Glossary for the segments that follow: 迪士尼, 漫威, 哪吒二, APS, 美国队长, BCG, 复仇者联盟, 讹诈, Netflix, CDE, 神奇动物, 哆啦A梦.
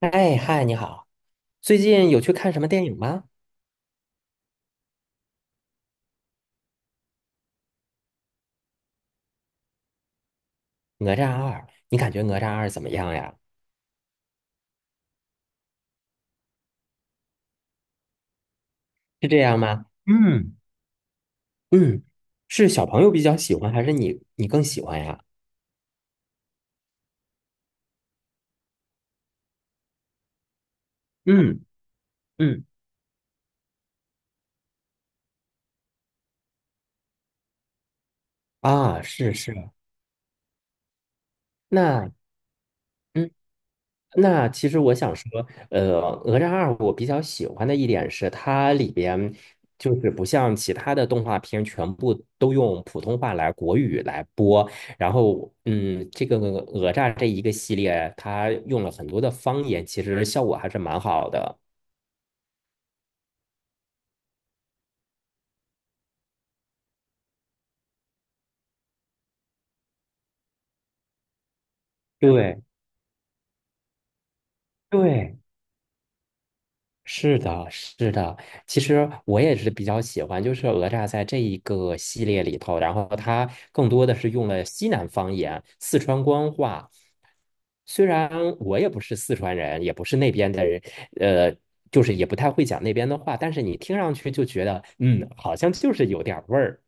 哎嗨，你好，最近有去看什么电影吗？《哪吒二》，你感觉《哪吒二》怎么样呀？是这样吗？嗯嗯，是小朋友比较喜欢，还是你更喜欢呀？嗯嗯，啊，是是，那嗯那其实我想说，《哪吒二》我比较喜欢的一点是，它里边就是不像其他的动画片，全部都用普通话来国语来播。然后，这个哪吒这一个系列，它用了很多的方言，其实效果还是蛮好的。对对，是的，是的。其实我也是比较喜欢，就是哪吒在这一个系列里头，然后它更多的是用了西南方言、四川官话。虽然我也不是四川人，也不是那边的人，呃，就是也不太会讲那边的话，但是你听上去就觉得，好像就是有点儿味儿。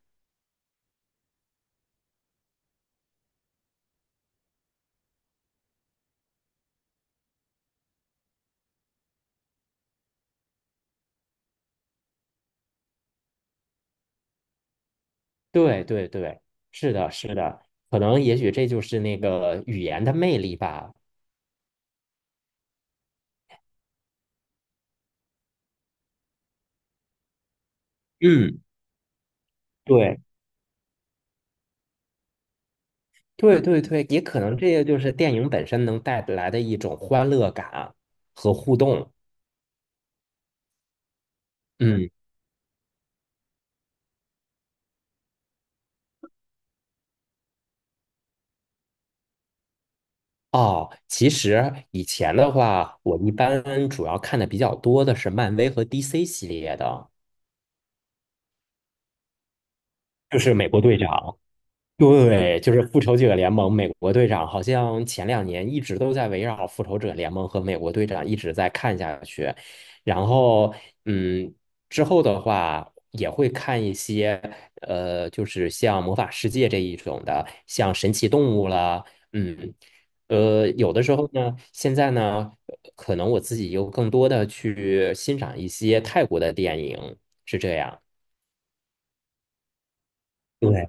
对对对，是的，是的，可能也许这就是那个语言的魅力吧。嗯，对对对对，也可能这也就是电影本身能带来的一种欢乐感和互动。嗯，哦，其实以前的话，我一般主要看的比较多的是漫威和 DC 系列的。就是美国队长，对，就是复仇者联盟。美国队长好像前2年一直都在围绕复仇者联盟和美国队长一直在看下去，然后嗯，之后的话也会看一些就是像魔法世界这一种的，像神奇动物啦，嗯。有的时候呢，现在呢，可能我自己又更多的去欣赏一些泰国的电影，是这样。对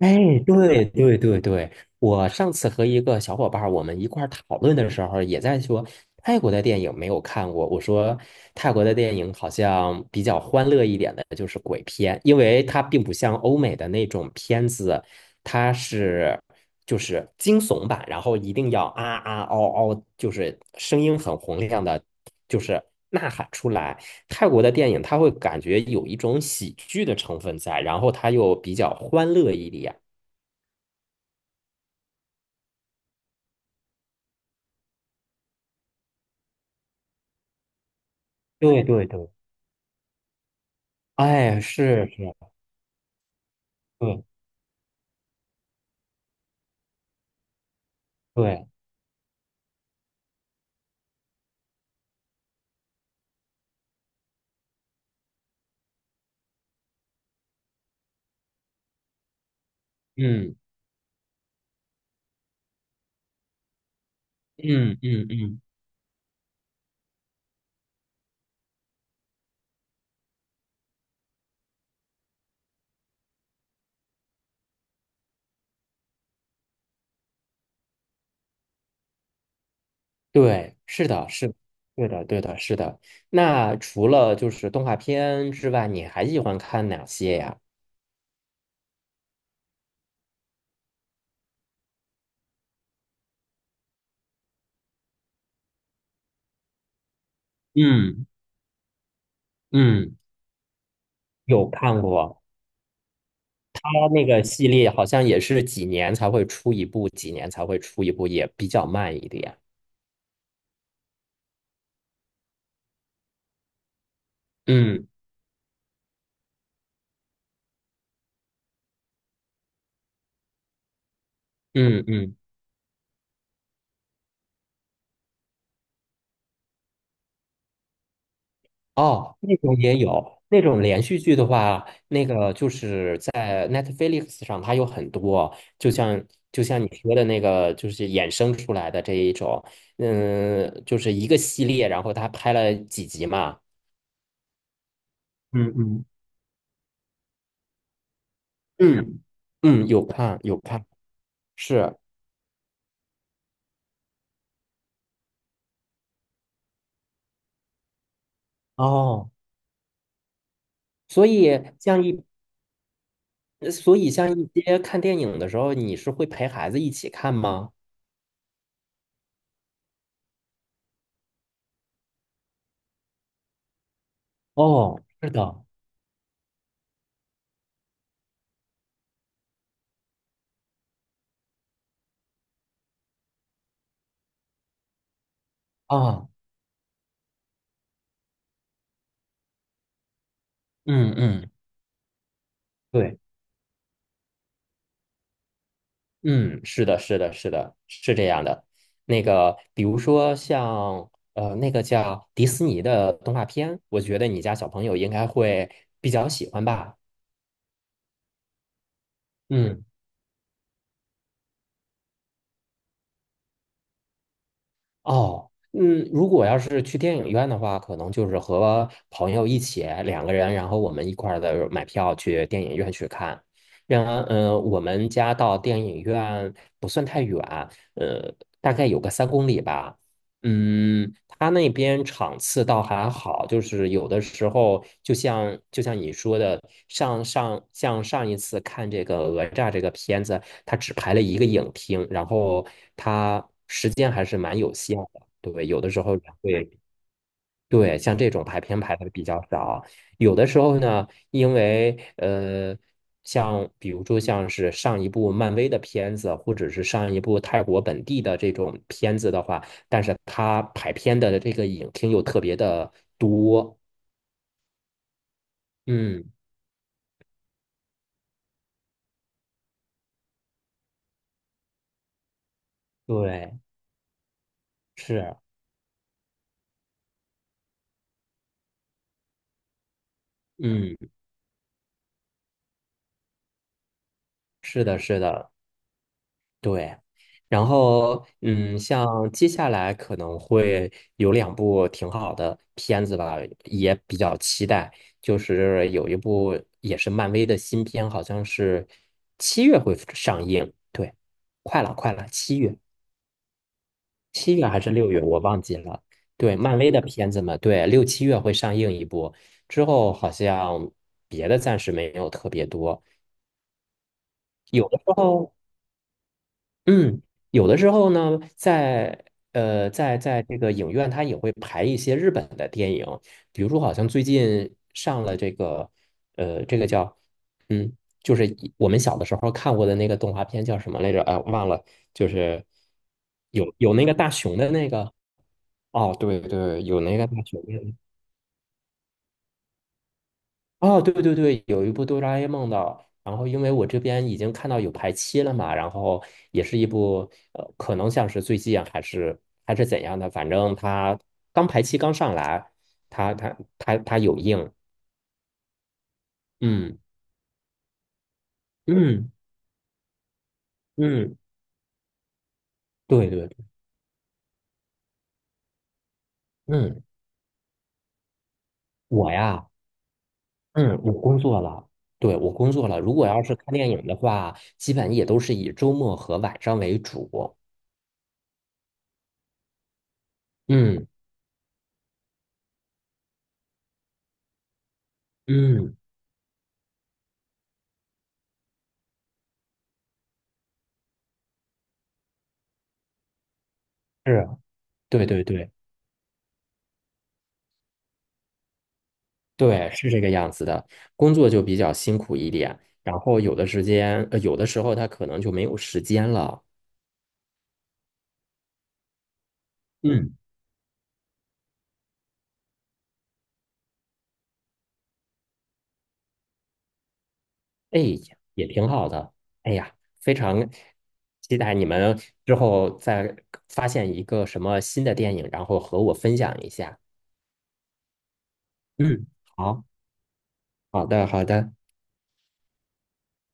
哎，对对对对，我上次和一个小伙伴儿我们一块儿讨论的时候，也在说泰国的电影没有看过。我说泰国的电影好像比较欢乐一点的，就是鬼片，因为它并不像欧美的那种片子，它是。就是惊悚版，然后一定要啊啊嗷嗷，就是声音很洪亮的，就是呐喊出来。泰国的电影它会感觉有一种喜剧的成分在，然后它又比较欢乐一点。对对对，哎，是是，对对，嗯嗯嗯嗯，对，是的，是的对的，对的，是的。那除了就是动画片之外，你还喜欢看哪些呀？嗯嗯，有看过。它那个系列好像也是几年才会出一部，几年才会出一部，也比较慢一点。嗯嗯嗯，哦，那种也有，那种连续剧的话，那个就是在 Netflix 上，它有很多，就像你说的那个，就是衍生出来的这一种，就是一个系列，然后它拍了几集嘛。嗯嗯嗯嗯，有看有看，是哦。所以像一所以像一些看电影的时候，你是会陪孩子一起看吗？哦，是的，啊，嗯嗯，对，嗯，是的，是的，是的，是这样的。那个，比如说像那个叫迪士尼的动画片，我觉得你家小朋友应该会比较喜欢吧。嗯。哦，嗯，如果要是去电影院的话，可能就是和朋友一起2个人，然后我们一块儿的买票去电影院去看。然后，我们家到电影院不算太远，呃，大概有个3公里吧。嗯，他那边场次倒还好，就是有的时候就像你说的，上一次看这个《讹诈这个片子，它只排了一个影厅，然后它时间还是蛮有限的。对，有的时候也会对，像这种排片排的比较少，有的时候呢，因为像比如说像是上一部漫威的片子，或者是上一部泰国本地的这种片子的话，但是它排片的这个影厅又特别的多。嗯，对，是，嗯，是的，是的。对，然后像接下来可能会有2部挺好的片子吧，也比较期待。就是有一部也是漫威的新片，好像是七月会上映。对，快了，快了，七月，7月还是6月，我忘记了。对，漫威的片子嘛，对，6、7月会上映一部，之后好像别的暂时没有特别多。有的时候嗯，有的时候呢，在在这个影院，它也会排一些日本的电影，比如说，好像最近上了这个，这个叫，嗯，就是我们小的时候看过的那个动画片叫什么来着？哎，忘了，就是有那个大熊的那个，哦，对对，有那个大熊的，哦，对对对，有一部《哆啦 A 梦》的，然后因为我这边已经看到有排期了嘛，然后也是一部可能像是最近啊还是怎样的，反正它刚排期刚上来，它有映，嗯嗯嗯，对对对，嗯，我呀，嗯，我工作了，对，我工作了，如果要是看电影的话，基本也都是以周末和晚上为主，嗯嗯，是，对对对。对，是这个样子的，工作就比较辛苦一点，然后有的时候他可能就没有时间了。嗯，哎呀，也挺好的。哎呀，非常期待你们之后再发现一个什么新的电影，然后和我分享一下。嗯，好，好的，好的。